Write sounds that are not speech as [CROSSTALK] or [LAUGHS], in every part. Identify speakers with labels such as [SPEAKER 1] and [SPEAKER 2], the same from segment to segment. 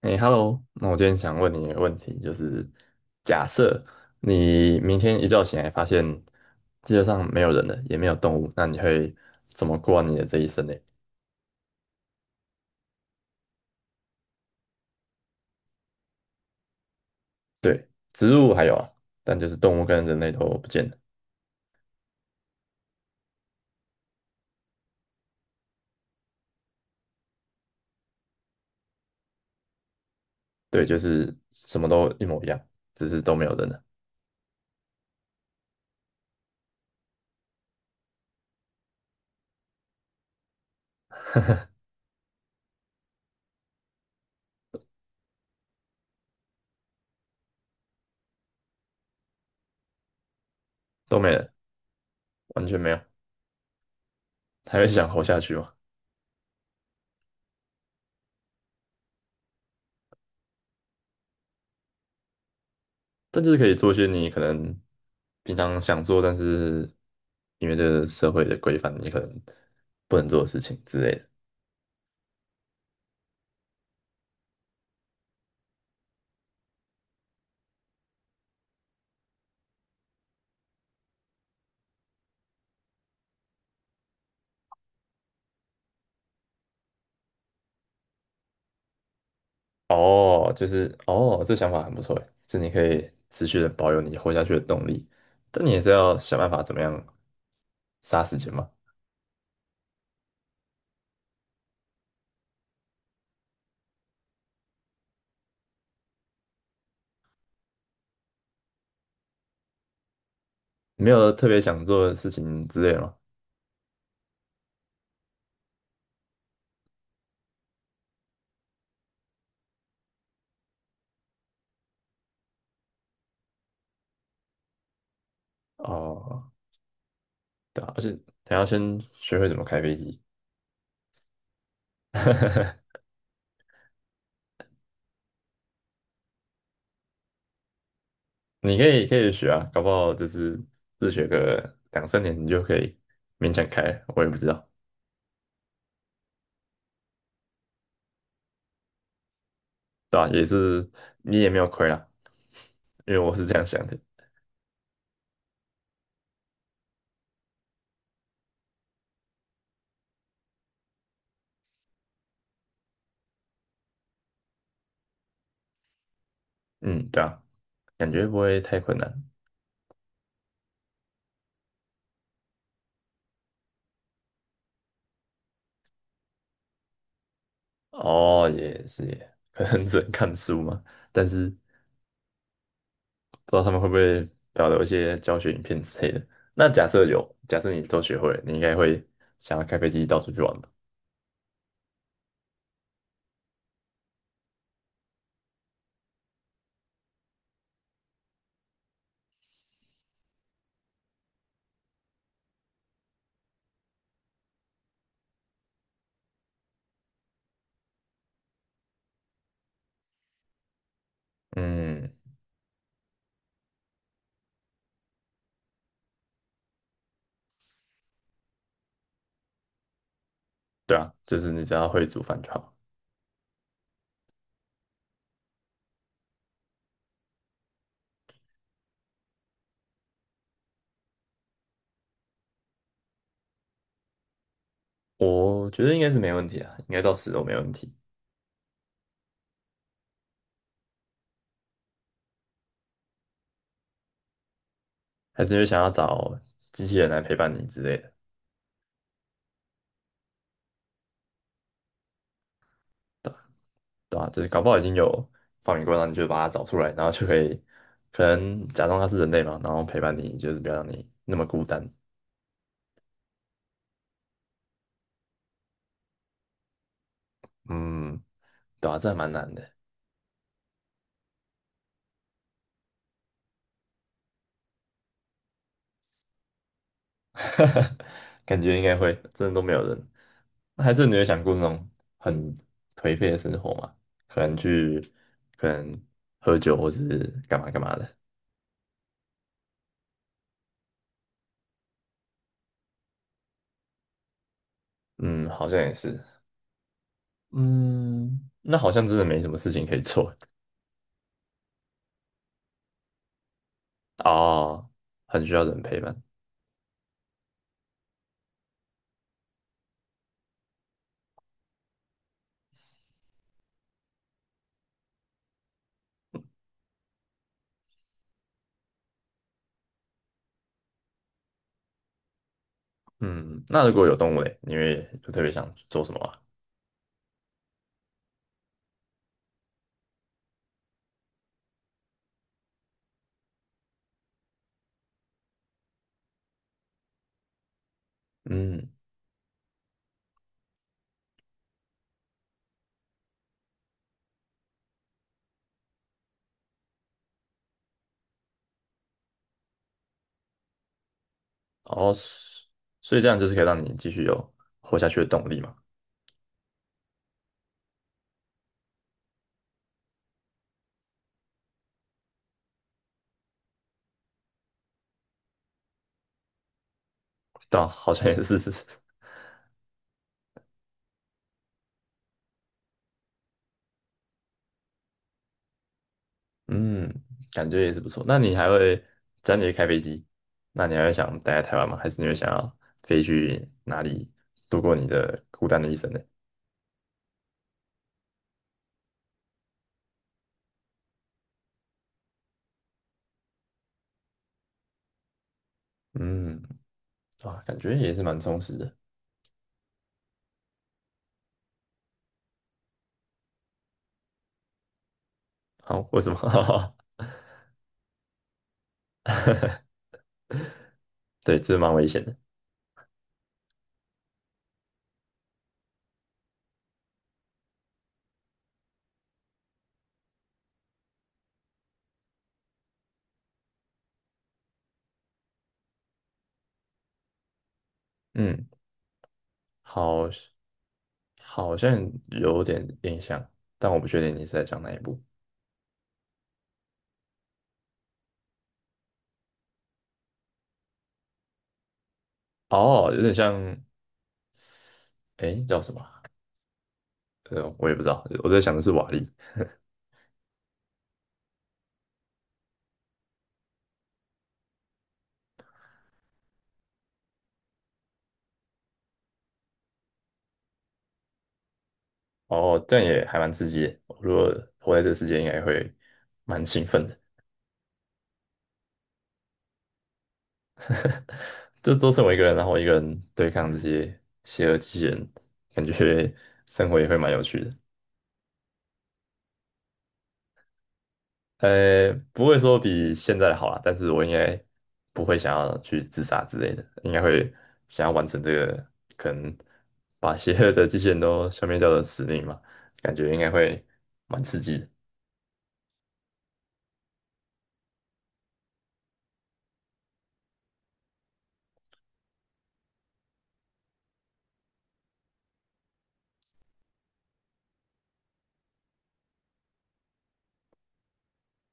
[SPEAKER 1] 哎，Hello，那我今天想问你一个问题，就是假设你明天一觉醒来发现地球上没有人了，也没有动物，那你会怎么过完你的这一生呢？对，植物还有啊，但就是动物跟人类都不见了，对，就是什么都一模一样，只是都没有人了，都没了，完全没有，还会想活下去吗？但就是可以做一些你可能平常想做，但是因为这个社会的规范，你可能不能做的事情之类的。哦，就是哦，这想法很不错诶，就你可以持续的保有你活下去的动力，但你也是要想办法怎么样杀时间嘛。没有特别想做的事情之类的吗？哦，对啊，而且还要先学会怎么开飞机，[LAUGHS] 你可以学啊，搞不好就是自学个两三年，你就可以勉强开了我也不知道，对啊，也是你也没有亏啦，[LAUGHS] 因为我是这样想的，嗯，对啊，感觉不会太困难。哦，也是耶，可能只能看书嘛，但是不知道他们会不会保留一些教学影片之类的。那假设有，假设你都学会了，你应该会想要开飞机到处去玩吧？嗯，对啊，就是你只要会煮饭就好。我觉得应该是没问题啊，应该到死都没问题。还是因为想要找机器人来陪伴你之类的，对吧？就是搞不好已经有发明过，然后你就把它找出来，然后就可以可能假装它是人类嘛，然后陪伴你，就是不要让你那么孤单。嗯，对啊，这还蛮难的，[LAUGHS] 感觉应该会，真的都没有人。那还是你有想过那种很颓废的生活吗？可能去，可能喝酒或是干嘛干嘛的。嗯，好像也是。嗯，那好像真的没什么事情可以做哦，很需要人陪伴。嗯，那如果有动物嘞，你会就特别想做什么啊？嗯，哦，所以这样就是可以让你继续有活下去的动力嘛？对啊，好像也是。[LAUGHS] 嗯，感觉也是不错。那你还会，只要你会开飞机，那你还会想待在台湾吗？还是你会想要飞去哪里度过你的孤单的一生呢？嗯，哇，感觉也是蛮充实的。好，为什么？[LAUGHS] 对，这蛮危险的。嗯，好，好像有点印象，但我不确定你是在讲哪一部。哦，有点像，诶，叫什么啊我也不知道，我在想的是瓦力。哦，这样也还蛮刺激的。如果活在这个世界，应该会蛮兴奋的。这都是我一个人，然后我一个人对抗这些邪恶机器人，感觉 [LAUGHS] 生活也会蛮有趣的。不会说比现在的好啦，但是我应该不会想要去自杀之类的，应该会想要完成这个可能把邪恶的机器人都消灭掉的使命嘛，感觉应该会蛮刺激的。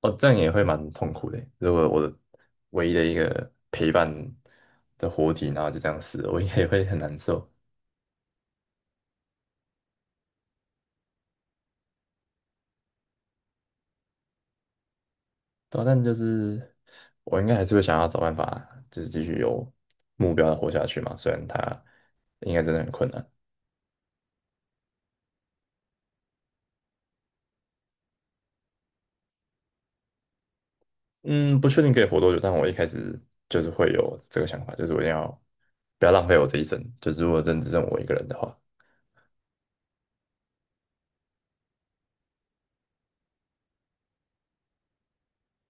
[SPEAKER 1] 哦，这样也会蛮痛苦的欸。如果我的唯一的一个陪伴的活体，然后就这样死了，我应该也会很难受。对啊，但就是我应该还是会想要找办法，就是继续有目标的活下去嘛。虽然它应该真的很困难，嗯，不确定可以活多久，但我一开始就是会有这个想法，就是我一定要不要浪费我这一生。就是如果真只剩我一个人的话。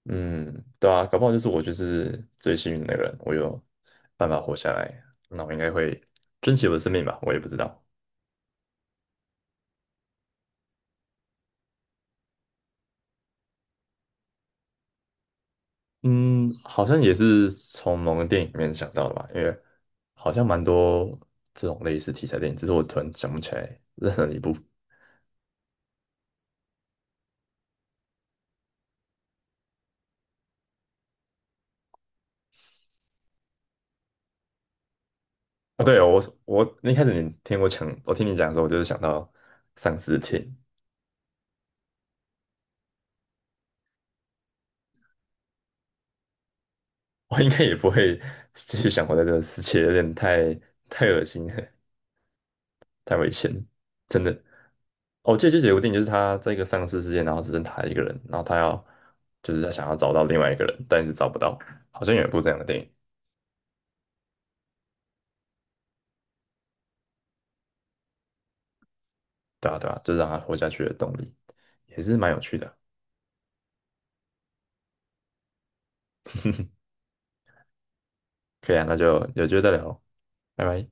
[SPEAKER 1] 嗯，对啊，搞不好就是我就是最幸运的人，我有办法活下来，那我应该会珍惜我的生命吧，我也不知道。嗯，好像也是从某个电影里面想到的吧，因为好像蛮多这种类似题材电影，只是我突然想不起来任何一部。啊，对哦，我一开始你听我讲，我听你讲的时候，我就是想到丧尸片，我应该也不会继续想活在这个世界，有点太恶心了，太危险了真的。哦，借有解电影，就是他在一个丧尸世界，然后只剩他一个人，然后他要就是他想要找到另外一个人，但是找不到，好像有一部这样的电影，对啊对啊，就是让他活下去的动力，也是蛮有趣的。[LAUGHS] 可以啊，那就有机会再聊，拜拜。